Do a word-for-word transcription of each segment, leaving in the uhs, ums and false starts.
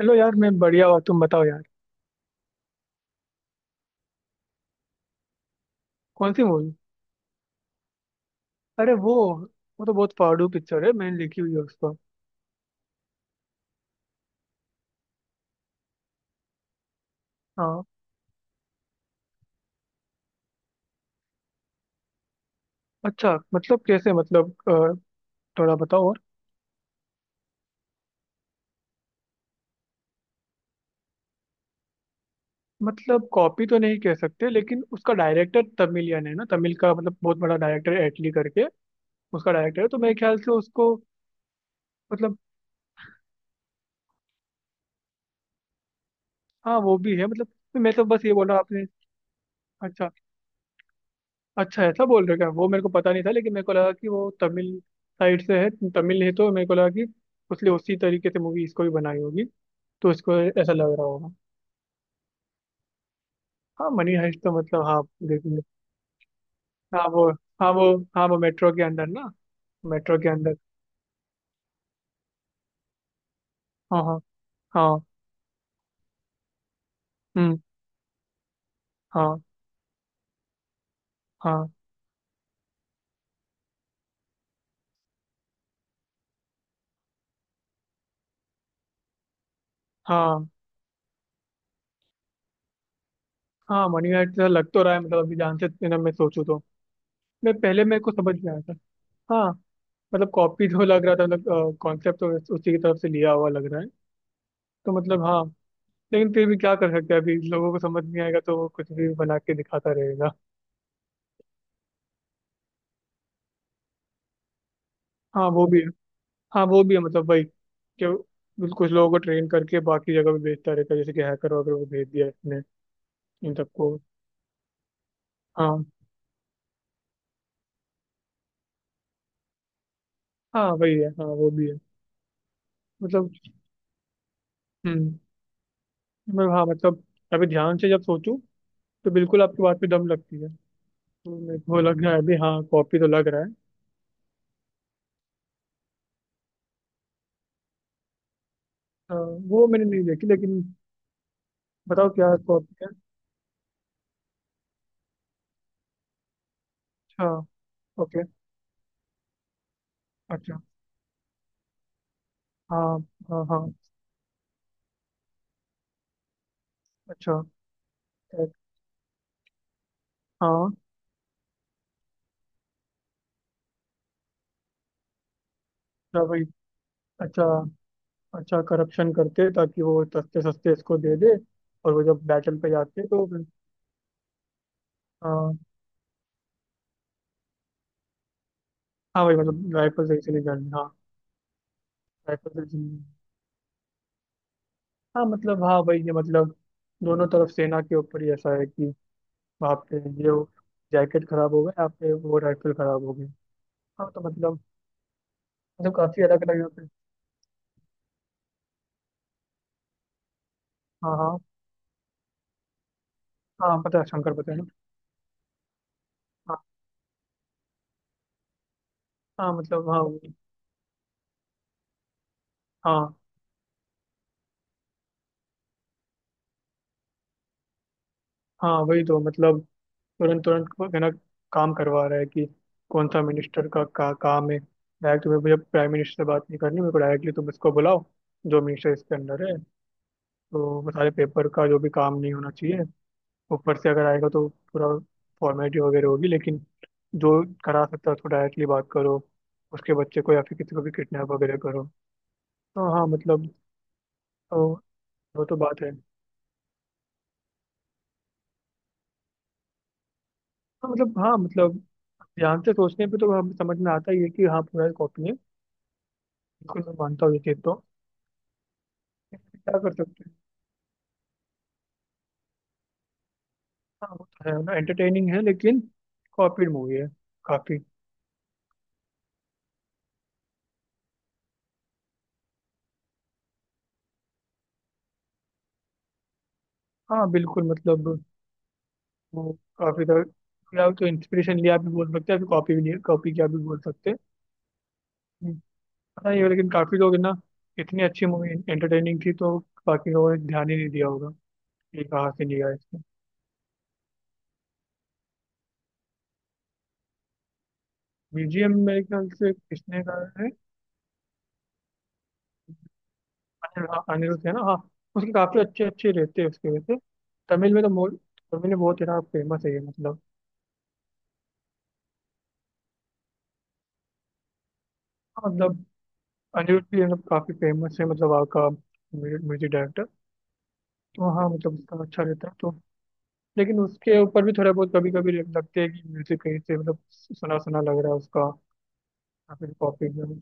Hello यार। मैं बढ़िया हुआ। तुम बताओ यार। कौन सी मूवी? अरे वो वो तो बहुत फाड़ू पिक्चर है, मैंने लिखी हुई है उसको। हाँ। अच्छा, मतलब कैसे? मतलब अ, थोड़ा बताओ और। मतलब कॉपी तो नहीं कह सकते, लेकिन उसका डायरेक्टर तमिलियन है ना। तमिल का मतलब बहुत बड़ा डायरेक्टर, एटली करके, उसका डायरेक्टर है तो मेरे ख्याल से उसको। मतलब हाँ वो भी है मतलब। तो मैं तो बस ये बोला आपने। अच्छा। अच्छा, ऐसा बोल रहे हो क्या? वो मेरे को पता नहीं था लेकिन मेरे को लगा कि वो तमिल साइड से है, तमिल है, तो मेरे को लगा कि उसने उसी तरीके से मूवी इसको भी बनाई होगी, तो उसको ऐसा लग रहा होगा। हाँ, मनी हाइस्ट तो मतलब हाँ। देखिए। हाँ वो हाँ वो हाँ वो मेट्रो के अंदर ना, मेट्रो के अंदर। हाँ, हाँ, हाँ। हम्म। हाँ, हाँ, हाँ। हाँ, मनी हाइस्ट तो लग तो रहा है मतलब, अभी ध्यान से ना मैं सोचूं तो। मैं पहले मेरे को समझ में आया था। हाँ मतलब कॉपी तो लग रहा था, मतलब कॉन्सेप्ट तो उस- उसी की तरफ से लिया हुआ लग रहा है। तो मतलब हाँ। लेकिन फिर भी क्या कर सकते हैं? अभी लोगों को समझ नहीं आएगा तो वो कुछ भी बना के दिखाता रहेगा। हाँ वो भी हाँ वो भी है मतलब, वही कि कुछ लोगों को ट्रेन करके बाकी जगह भी भेजता रहता है, जैसे कि हैकर वगैरह को भेज दिया इसने। इन सबको। हाँ, हाँ वही है। हाँ वो भी है मतलब। हम्म मतलब हाँ मतलब, अभी ध्यान से जब सोचूं तो बिल्कुल आपकी बात पे दम लगती है, तो मेरे को लग रहा है अभी, हाँ कॉपी तो लग रहा है। हाँ, वो मैंने नहीं देखी लेकिन। बताओ क्या कॉपी है। अच्छा। ओके। अच्छा। हाँ। हाँ, हाँ। अच्छा। हाँ। अच्छा, वही। अच्छा, अच्छा। करप्शन करते ताकि वो सस्ते सस्ते इसको दे दे। और वो जब बैटल पे जाते तो फिर। हाँ, हाँ भाई, मतलब राइफल से इसीलिए जानी, हाँ। राइफल से इसीलिए। हाँ मतलब, हाँ भाई ये मतलब दोनों तरफ सेना के ऊपर ही ऐसा है कि आप पे ये जैकेट खराब हो गए, आप पे वो राइफल खराब हो गई। हाँ तो मतलब मतलब काफी अलग अलग यहाँ पे। हाँ, हाँ। हाँ पता है, शंकर पता है ना। हाँ, हाँ मतलब। हाँ वही-। हाँ, हाँ वही तो मतलब। तुरंत तुरंत को है ना, काम करवा रहा है कि कौन सा मिनिस्टर का, का काम है। डायरेक्ट तुम्हें, मुझे प्राइम मिनिस्टर से बात नहीं करनी, मेरे को डायरेक्टली तुम इसको बुलाओ। जो मिनिस्टर इसके अंडर है, तो वो सारे पेपर का जो भी काम नहीं होना चाहिए ऊपर से अगर आएगा तो पूरा फॉर्मेलिटी वगैरह होगी, लेकिन जो करा सकता है उसको डायरेक्टली बात करो। उसके बच्चे को या फिर किसी को भी किडनैप वगैरह करो, तो हाँ मतलब, तो। वो तो बात है। हाँ मतलब, हाँ मतलब, ध्यान से सोचने पे तो हम समझ में आता ही है कि हाँ पूरा एक कॉपी है। बिल्कुल मैं मानता हूँ ये चीज़ तो। क्या कर सकते हैं। हाँ वो तो है ना, एंटरटेनिंग है लेकिन कॉपीड मूवी है काफी। हाँ बिल्कुल मतलब। वो काफी तरह या तो इंस्पिरेशन लिया भी बोल सकते हैं, कॉपी भी लिया, कॉपी किया भी बोल सकते हैं। हम्म। पता नहीं, लेकिन काफी लोग है ना, इतनी अच्छी मूवी एंटरटेनिंग थी तो बाकी लोगों ने ध्यान ही नहीं दिया होगा कि कहाँ से लिया है इसको। बीजीएम मेरे ख्याल से किसने गाया है? अनिल हाँ, अनिरुद्ध है ना, हाँ। उसके काफी अच्छे अच्छे रहते हैं उसके वजह से। तमिल में तो मो- तमिल में बहुत है ना, फेमस है ये मतलब। हाँ, मतलब अनिरुद्ध भी मतलब काफी फेमस है, मतलब वहाँ का म्यूजिक डायरेक्टर। तो हाँ मतलब, उसका अच्छा रहता है तो। लेकिन उसके ऊपर भी थोड़ा बहुत कभी कभी लगते हैं कि म्यूजिक कहीं से मतलब सुना सुना लग रहा है उसका। या फिर कॉपी। हम्म।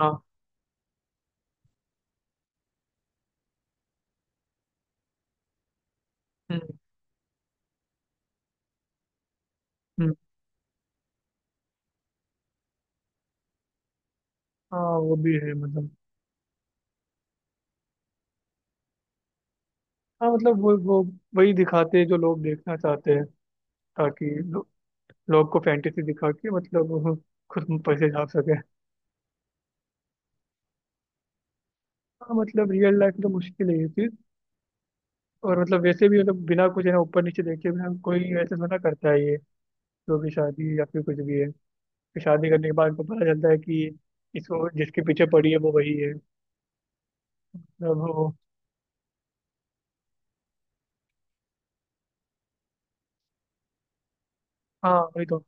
हाँ। हम्म। हम्म। हाँ वो भी है मतलब। हाँ मतलब, वो वो वही दिखाते हैं जो लोग देखना चाहते हैं, ताकि लो, लोग को फैंटेसी दिखा के मतलब वो खुद पैसे छाप सके। हाँ मतलब, रियल लाइफ में तो मुश्किल है ये चीज। और मतलब, वैसे भी मतलब बिना कुछ है ना ऊपर नीचे देखे, बिना कोई ऐसे थोड़ा ना करता है ये, जो कि शादी या फिर कुछ भी है। फिर शादी करने के बाद उनको पता चलता है कि इसको जिसके पीछे पड़ी है वो वही है, मतलब वो। हाँ वही तो।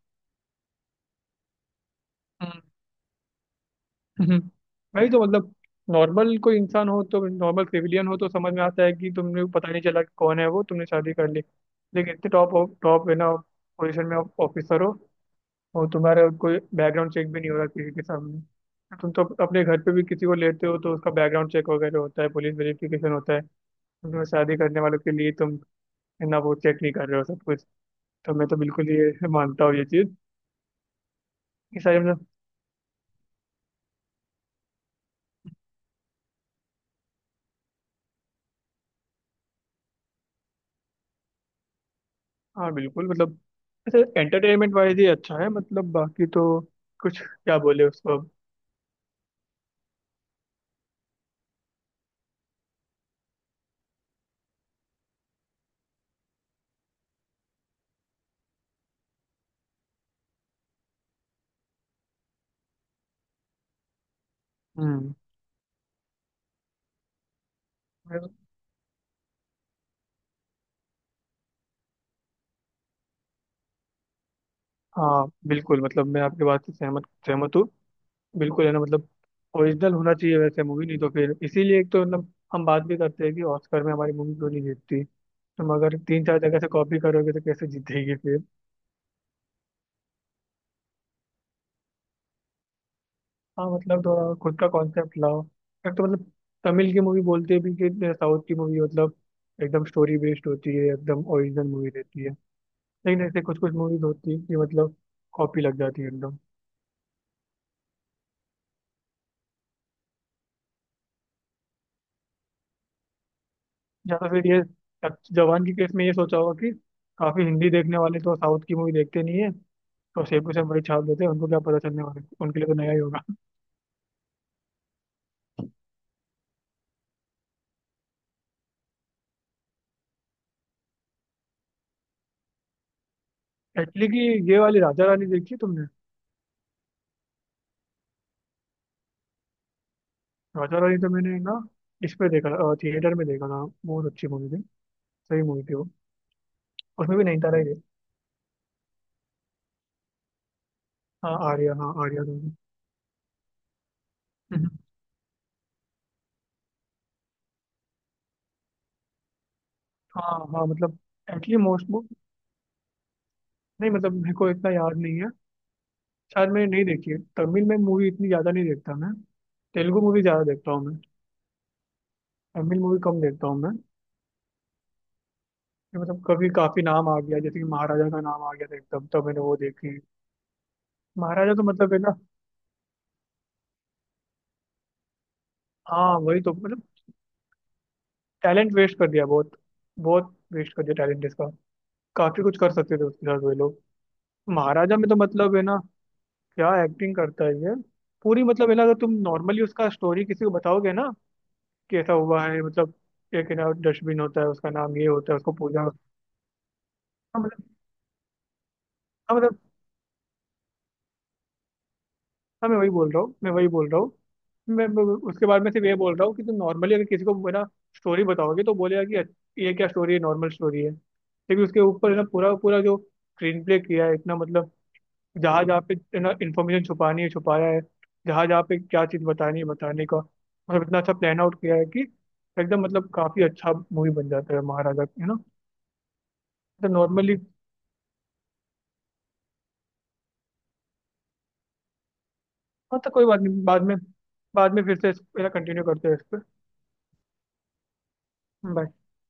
हम्म, हम्म। वही तो मतलब। नॉर्मल कोई इंसान हो, तो नॉर्मल सिविलियन हो तो समझ में आता है कि तुमने पता नहीं चला कि कौन है वो, तुमने शादी कर ली। लेकिन इतने टॉप, टॉप है ना पोजीशन में, ऑफिसर हो, और तुम्हारा कोई बैकग्राउंड चेक भी नहीं हो रहा। किसी के सामने तुम तो अपने घर पे भी किसी को लेते हो तो उसका बैकग्राउंड चेक वगैरह होता है, पुलिस वेरिफिकेशन होता है। तुम्हें शादी करने वालों के लिए तुम ना वो चेक नहीं कर रहे हो सब कुछ, तो मैं तो बिल्कुल ये मानता हूँ ये चीज़। ये सारे मतलब। हाँ बिल्कुल मतलब। अच्छा एंटरटेनमेंट वाइज ही अच्छा है मतलब, बाकी तो कुछ क्या बोले उसको अब। हम्म। मैं- हाँ बिल्कुल मतलब, मैं आपके बात से सहमत सहमत हूँ। बिल्कुल है ना मतलब, ओरिजिनल होना चाहिए वैसे मूवी, नहीं तो फिर इसीलिए एक तो मतलब हम बात भी करते हैं कि ऑस्कर में हमारी मूवी क्यों नहीं जीतती। तुम अगर तीन चार जगह से कॉपी करोगे तो कैसे जीतेगी फिर? हाँ मतलब, थोड़ा खुद का कॉन्सेप्ट लाओ। एक तो मतलब, तमिल की मूवी बोलते भी कि साउथ की मूवी मतलब एकदम स्टोरी बेस्ड होती है, एकदम ओरिजिनल मूवी रहती है। लेकिन ऐसे कुछ कुछ मूवीज होती है कि मतलब कॉपी लग जाती है एकदम। या तो फिर ये तक- जवान के केस में ये सोचा होगा कि काफी हिंदी देखने वाले तो साउथ की मूवी देखते नहीं है, तो सेम टू सेम वही छाप देते हैं, उनको क्या पता चलने वाला है, उनके लिए तो नया ही होगा। एक्चुअली कि ये वाली राजा रानी देखी है तुमने? राजा रानी तो मैंने ना, इस पे देखा था, थिएटर में देखा था, बहुत अच्छी मूवी थी। सही मूवी थी वो। उसमें भी नैनीताल ही थे। हाँ आर्या हाँ आर्या दोनों। हम्म। हाँ, हाँ मतलब एक्चुअली मोस्ट। नहीं मतलब, मेरे को इतना याद नहीं है। शायद मैंने नहीं देखी है, तमिल में मूवी इतनी ज़्यादा नहीं देखता मैं। तेलुगु मूवी ज़्यादा देखता हूँ मैं। तमिल मूवी कम देखता हूँ मैं। ये मतलब कभी काफ़ी नाम आ गया, जैसे कि महाराजा का नाम आ गया था एकदम, तो मैंने वो देखी। महाराजा तो मतलब है ना। हाँ वही तो मतलब, टैलेंट वेस्ट कर दिया बहुत। बहुत वेस्ट कर दिया टैलेंट इसका। काफ़ी कुछ कर सकते थे उसके साथ वे लोग। महाराजा में तो मतलब है ना, क्या एक्टिंग करता है ये। पूरी मतलब है ना, अगर तुम नॉर्मली उसका स्टोरी किसी को बताओगे ना कि ऐसा हुआ है मतलब, एक है ना डस्टबिन होता है उसका नाम, ये होता है उसको पूजा, हाँ। मतलब हाँ मतलब। हाँ मैं वही बोल रहा हूँ, मैं वही बोल रहा हूँ। मैं, मैं उसके बाद में सिर्फ ये बोल रहा हूँ कि तुम नॉर्मली अगर किसी को है ना स्टोरी बताओगे तो बोलेगा कि अच्छा, ये क्या स्टोरी है? नॉर्मल स्टोरी है, लेकिन उसके ऊपर है ना पूरा पूरा जो स्क्रीन प्ले किया है इतना मतलब। जहाँ जहाँ पे है ना इन्फॉर्मेशन छुपानी है छुपाया है। जहाँ जहाँ पे क्या चीज़ बतानी है, बताने का मतलब इतना अच्छा प्लान आउट किया है कि। एकदम मतलब, काफ़ी अच्छा मूवी बन जाता है महाराजा है ना। तो नॉर्मली। हाँ तो कोई बात नहीं, बाद में, बाद में फिर से कंटिन्यू करते हैं इस पर। बाय।